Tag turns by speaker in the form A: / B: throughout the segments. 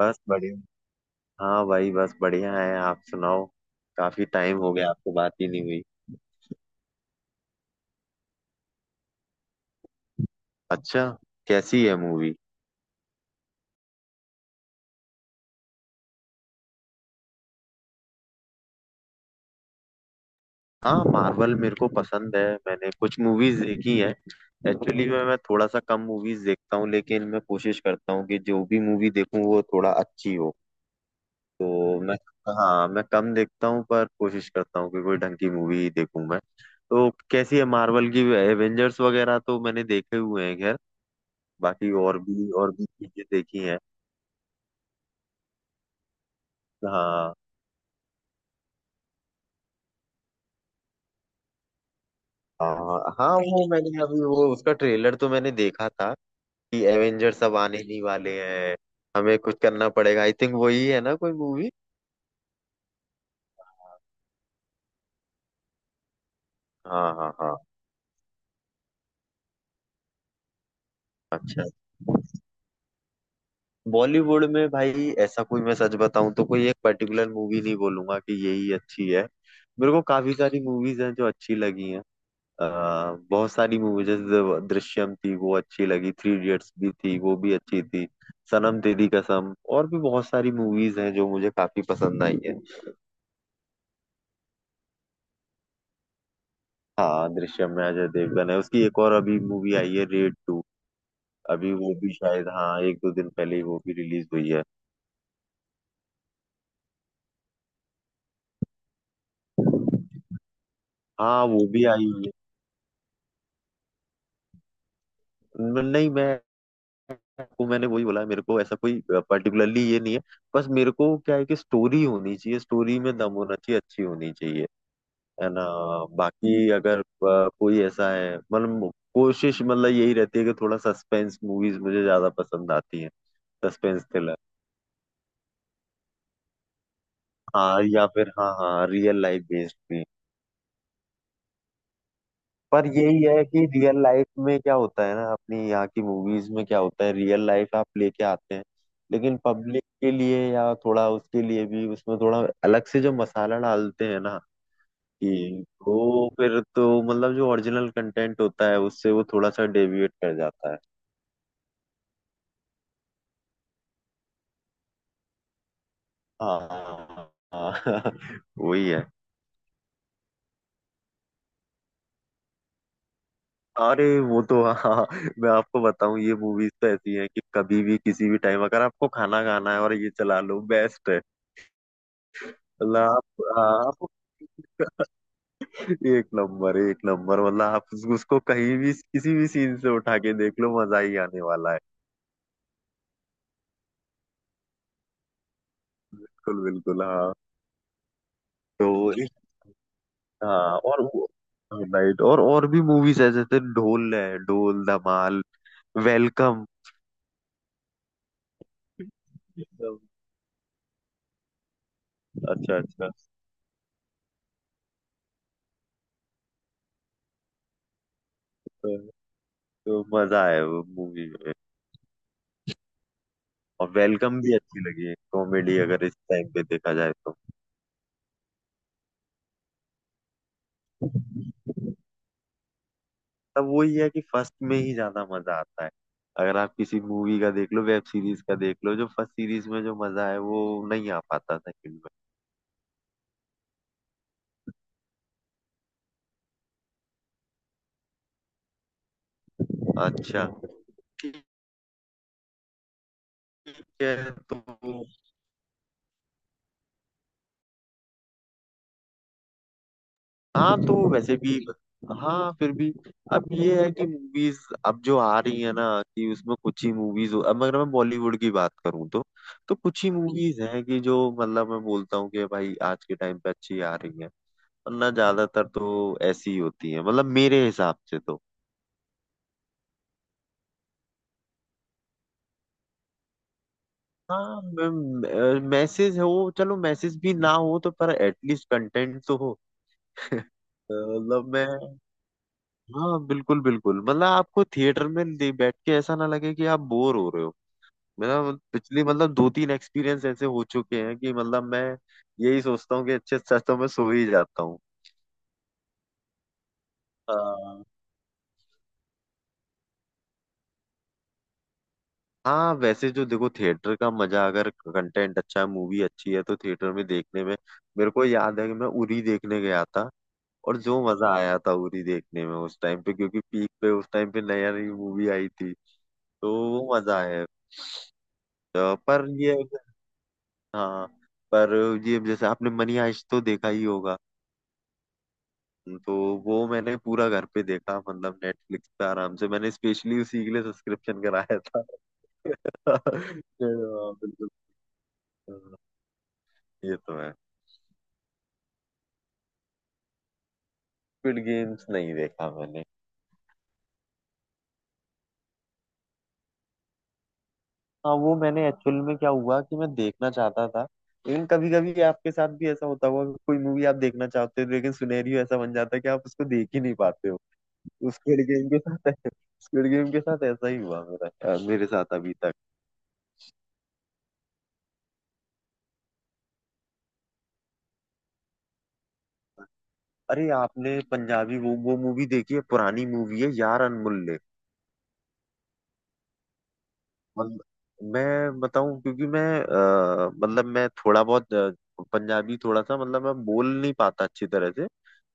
A: बस बढ़िया। हाँ भाई, बस बढ़िया है। आप सुनाओ, काफी टाइम हो गया आपसे बात ही नहीं हुई। अच्छा, कैसी है मूवी? हाँ, मार्वल मेरे को पसंद है, मैंने कुछ मूवीज देखी है। एक्चुअली मैं थोड़ा सा कम मूवीज देखता हूँ, लेकिन मैं कोशिश करता हूँ कि जो भी मूवी देखूँ वो थोड़ा अच्छी हो। तो मैं हाँ, मैं कम देखता हूँ, पर कोशिश करता हूँ कि कोई ढंग की मूवी ही देखूँ मैं। तो कैसी है मार्वल की? एवेंजर्स वगैरह तो मैंने देखे हुए हैं, खैर। बाकी और भी चीजें देखी हैं। हाँ, हाँ, हाँ, वो मैंने अभी वो उसका ट्रेलर तो मैंने देखा था कि एवेंजर सब आने ही वाले हैं। हमें कुछ करना पड़ेगा, आई थिंक, वही है ना कोई मूवी। हाँ, हाँ, हाँ। अच्छा, बॉलीवुड में भाई ऐसा कोई, मैं सच बताऊं तो कोई एक पर्टिकुलर मूवी नहीं बोलूंगा कि यही अच्छी है। मेरे को काफी सारी मूवीज हैं जो अच्छी लगी हैं। अ, बहुत सारी मूवीज, जैसे दृश्यम थी वो अच्छी लगी, थ्री इडियट्स भी थी वो भी अच्छी थी। सनम तेरी कसम, और भी बहुत सारी मूवीज हैं जो मुझे काफी पसंद आई है। हाँ, दृश्यम में अजय देवगन है। उसकी एक और अभी मूवी आई है, रेड टू। अभी वो भी शायद, हाँ, एक दो दिन पहले ही वो भी रिलीज हुई है। हाँ, वो भी आई हुई है। नहीं, मैं, वो मैंने वही बोला, मेरे को ऐसा कोई पर्टिकुलरली ये नहीं है। बस मेरे को क्या है कि स्टोरी होनी चाहिए, स्टोरी में दम होना चाहिए, अच्छी होनी चाहिए। है ना। बाकी अगर कोई ऐसा है, मतलब कोशिश, मतलब यही रहती है कि थोड़ा सस्पेंस मूवीज मुझे ज्यादा पसंद आती हैं। Suspense thriller. हाँ, या फिर हाँ, हाँ, रियल लाइफ बेस्ड भी। पर यही है कि रियल लाइफ में क्या होता है ना, अपनी यहाँ की मूवीज में क्या होता है, रियल लाइफ आप लेके आते हैं। लेकिन पब्लिक के लिए या थोड़ा उसके लिए भी उसमें थोड़ा अलग से जो मसाला डालते हैं ना, कि वो फिर तो मतलब जो ओरिजिनल कंटेंट होता है उससे वो थोड़ा सा डेविएट कर जाता है। हाँ, हाँ, वही है। अरे वो तो हाँ, हाँ, मैं आपको बताऊं ये मूवीज तो ऐसी हैं कि कभी भी किसी भी टाइम अगर आपको खाना खाना है और ये चला लो, बेस्ट है। मतलब आप, हाँ, आपको एक नंबर, एक नंबर, मतलब आप उसको कहीं भी किसी भी सीन से उठा के देख लो, मजा ही आने वाला है। बिल्कुल, बिल्कुल, हाँ। तो इस- हाँ, और वो, राइट, और भी मूवीज है, जैसे ढोल है, ढोल, धमाल, वेलकम। अच्छा, अच्छा। तो, तो मजा है वो मूवी में। और वेलकम भी अच्छी लगी है, कॉमेडी अगर इस टाइम पे देखा जाए तो। तब वही है कि फर्स्ट में ही ज्यादा मजा आता है। अगर आप किसी मूवी का देख लो, वेब सीरीज का देख लो, जो फर्स्ट सीरीज में जो मजा है वो नहीं आ पाता सेकंड में। अच्छा, ठीक है। तो, हाँ, तो वैसे भी। हाँ, फिर भी। अब ये है कि मूवीज अब जो आ रही है ना, कि उसमें कुछ ही मूवीज, अब अगर मैं बॉलीवुड की बात करूँ तो। तो कुछ ही मूवीज हैं कि जो, मतलब, मैं बोलता हूँ कि भाई आज के टाइम पे अच्छी आ रही है। वरना ज्यादातर तो ऐसी ही होती है, मतलब मेरे हिसाब से तो। हाँ, मैसेज हो, चलो मैसेज भी ना हो तो, पर एटलीस्ट कंटेंट तो हो। अ, मतलब मैं, हाँ, बिल्कुल बिल्कुल, मतलब आपको थिएटर में बैठ के ऐसा ना लगे कि आप बोर हो रहे हो। मेरा मतलब पिछली, मतलब दो तीन एक्सपीरियंस ऐसे हो चुके हैं कि मतलब मैं यही सोचता हूँ कि अच्छे से अच्छा तो मैं सो ही जाता हूँ। हाँ, हाँ, वैसे जो देखो, थिएटर का मजा, अगर कंटेंट अच्छा है, मूवी अच्छी है, तो थिएटर में देखने में। मेरे को याद है कि मैं उरी देखने गया था। और जो मजा आया था उरी देखने में उस टाइम पे, क्योंकि पीक पे उस टाइम पे नया, नई मूवी आई थी। तो वो मजा है। तो पर ये हाँ, पर ये जैसे आपने मनी हाइस्ट तो देखा ही होगा। तो वो मैंने पूरा घर पे देखा, मतलब नेटफ्लिक्स पे आराम से, मैंने स्पेशली उसी के लिए सब्सक्रिप्शन कराया था। हाँ, बिल्कुल। हाँ, ये तो है। स्क्विड गेम्स नहीं देखा मैंने। हाँ, वो मैंने एक्चुअल में क्या हुआ कि मैं देखना चाहता था, लेकिन कभी कभी आपके साथ भी ऐसा होता होगा कि कोई मूवी आप देखना चाहते हो, लेकिन सिनेरियो ऐसा बन जाता है कि आप उसको देख ही नहीं पाते हो। स्क्विड गेम के साथ स्क्विड गेम के साथ ऐसा ही हुआ मेरा। मेरे साथ अभी तक। अरे आपने पंजाबी वो मूवी देखी है? पुरानी मूवी है यार, अनमुल्ले। मतलब मैं बताऊं, क्योंकि मैं, मतलब मैं थोड़ा बहुत, पंजाबी थोड़ा सा, मतलब मैं बोल नहीं पाता अच्छी तरह से।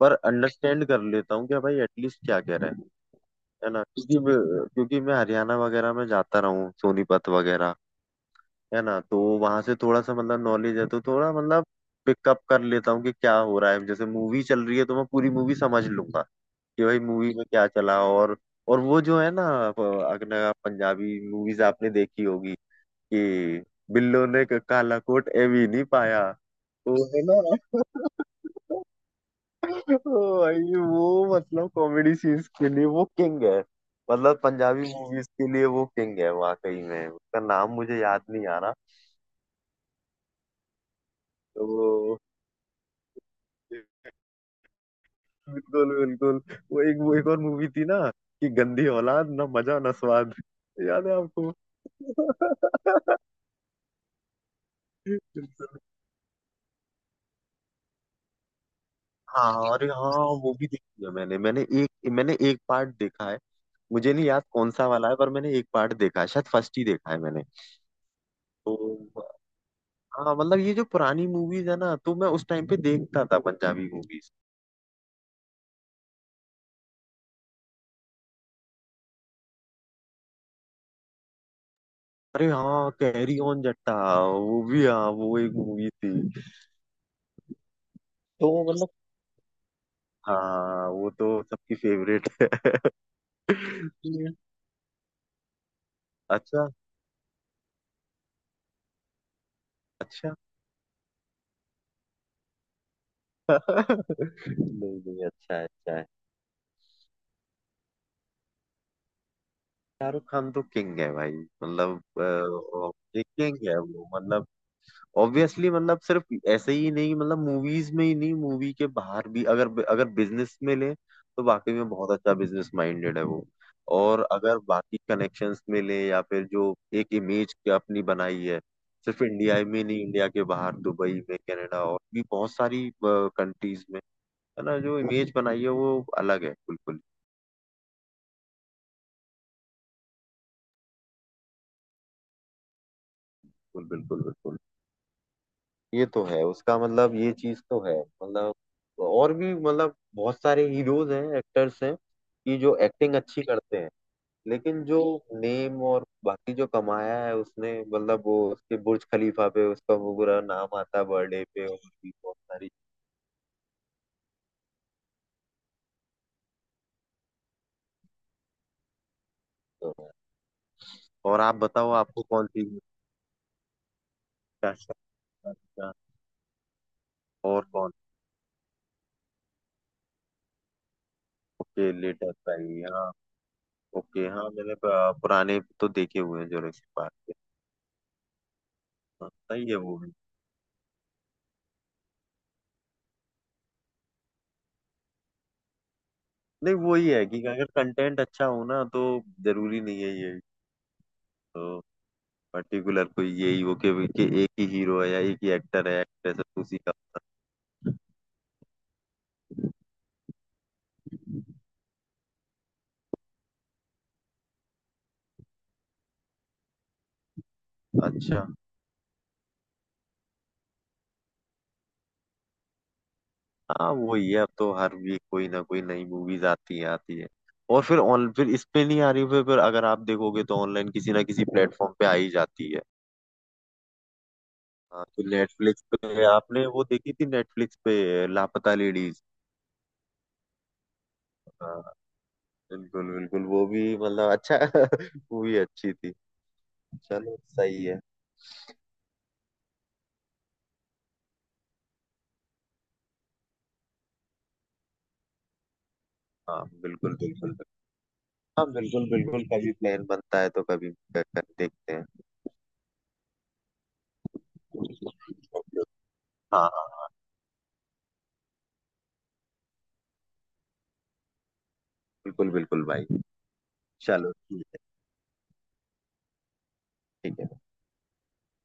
A: पर अंडरस्टैंड कर लेता हूँ कि भाई एटलीस्ट क्या कह रहा है। है ना, क्योंकि मैं हरियाणा वगैरह में जाता रहा हूँ, सोनीपत वगैरह। है ना, तो वहां से थोड़ा सा मतलब नॉलेज है, तो थोड़ा मतलब पिकअप कर लेता हूँ कि क्या हो रहा है, जैसे मूवी चल रही है तो मैं पूरी मूवी समझ लूंगा। कि भाई मूवी में क्या चला। और वो जो है ना, प- अपना पंजाबी मूवीज आपने देखी होगी, कि बिल्लो ने काला कोट ए भी नहीं पाया। वो है ना। भाई, वो मतलब कॉमेडी सीन्स के लिए वो किंग है। मतलब पंजाबी मूवीज के लिए वो किंग है वाकई में, उसका नाम मुझे याद नहीं आ रहा। तो वो, बिल्कुल, बिल्कुल, वो एक और मूवी थी ना, कि गंदी औलाद ना मजा ना स्वाद। याद है आपको बिल्कुल। हाँ, अरे हाँ, वो भी देखी है मैंने। मैंने एक पार्ट देखा है। मुझे नहीं याद कौन सा वाला है, पर मैंने एक पार्ट देखा है, शायद फर्स्ट ही देखा है मैंने। तो, हाँ, मतलब ये जो पुरानी मूवीज है ना, तो मैं उस टाइम पे देखता था पंजाबी मूवीज। अरे हाँ, कैरी ऑन जट्टा, वो भी, हाँ वो एक मूवी थी। तो मतलब, हाँ, वो तो सबकी फेवरेट है। हम्म। अच्छा, अच्छा। नहीं, नहीं, अच्छा है, अच्छा है। शाहरुख खान तो किंग है भाई, मतलब ये किंग है वो, मतलब। ऑब्वियसली, मतलब सिर्फ ऐसे ही नहीं, मतलब मूवीज में ही नहीं, मूवी के बाहर भी, अगर अगर बिजनेस में ले तो वाकई में बहुत अच्छा बिजनेस माइंडेड है वो। और अगर बाकी कनेक्शंस में ले, या फिर जो एक इमेज अपनी बनाई है, सिर्फ इंडिया में नहीं, इंडिया के बाहर दुबई में, कनाडा, और भी बहुत सारी कंट्रीज में। है ना, जो इमेज बनाई है वो अलग है बिल्कुल। बिल्कुल, बिल्कुल, बिल्कुल, ये तो है उसका मतलब, ये चीज तो है मतलब। और भी, मतलब बहुत सारे हीरोज हैं, एक्टर्स हैं, कि जो एक्टिंग अच्छी करते हैं। लेकिन जो नेम और बाकी जो कमाया है उसने, मतलब वो उसके बुर्ज खलीफा पे उसका वो पूरा नाम आता है बर्थडे पे, और भी बहुत सारी चीजों में। और आप बताओ, आपको कौन सी? अच्छा, अच्छा, और कौन? ओके, लेटेस्ट आई, हाँ। ओके, हाँ, मैंने पुराने तो देखे हुए हैं जो ऋषि पार्क के। हाँ, सही है वो भी। नहीं, वो ही है कि अगर कंटेंट अच्छा हो ना, तो जरूरी नहीं है ये, तो पर्टिकुलर कोई यही हो कि एक ही हीरो है या एक ही एक्टर है, एक्ट्रेस है, उसी का। अच्छा। हाँ, वो ही है, अब तो हर वीक कोई ना कोई नई मूवीज आती है, आती है। और फिर ऑन, फिर इस पे नहीं आ रही, फिर अगर आप देखोगे तो ऑनलाइन किसी ना किसी प्लेटफॉर्म पे आ ही जाती है। हाँ, तो नेटफ्लिक्स पे आपने वो देखी थी, नेटफ्लिक्स पे लापता लेडीज। हाँ, बिल्कुल, बिल्कुल, वो भी, मतलब, अच्छा। मूवी अच्छी थी। चलो, सही है। हाँ, बिल्कुल, बिल्कुल, बिल्कुल। हाँ, बिल्कुल, बिल्कुल, कभी प्लान बनता है, तो कभी देखते हैं। हाँ, हाँ, हाँ, बिल्कुल, बिल्कुल भाई, चलो ठीक है, ठीक है।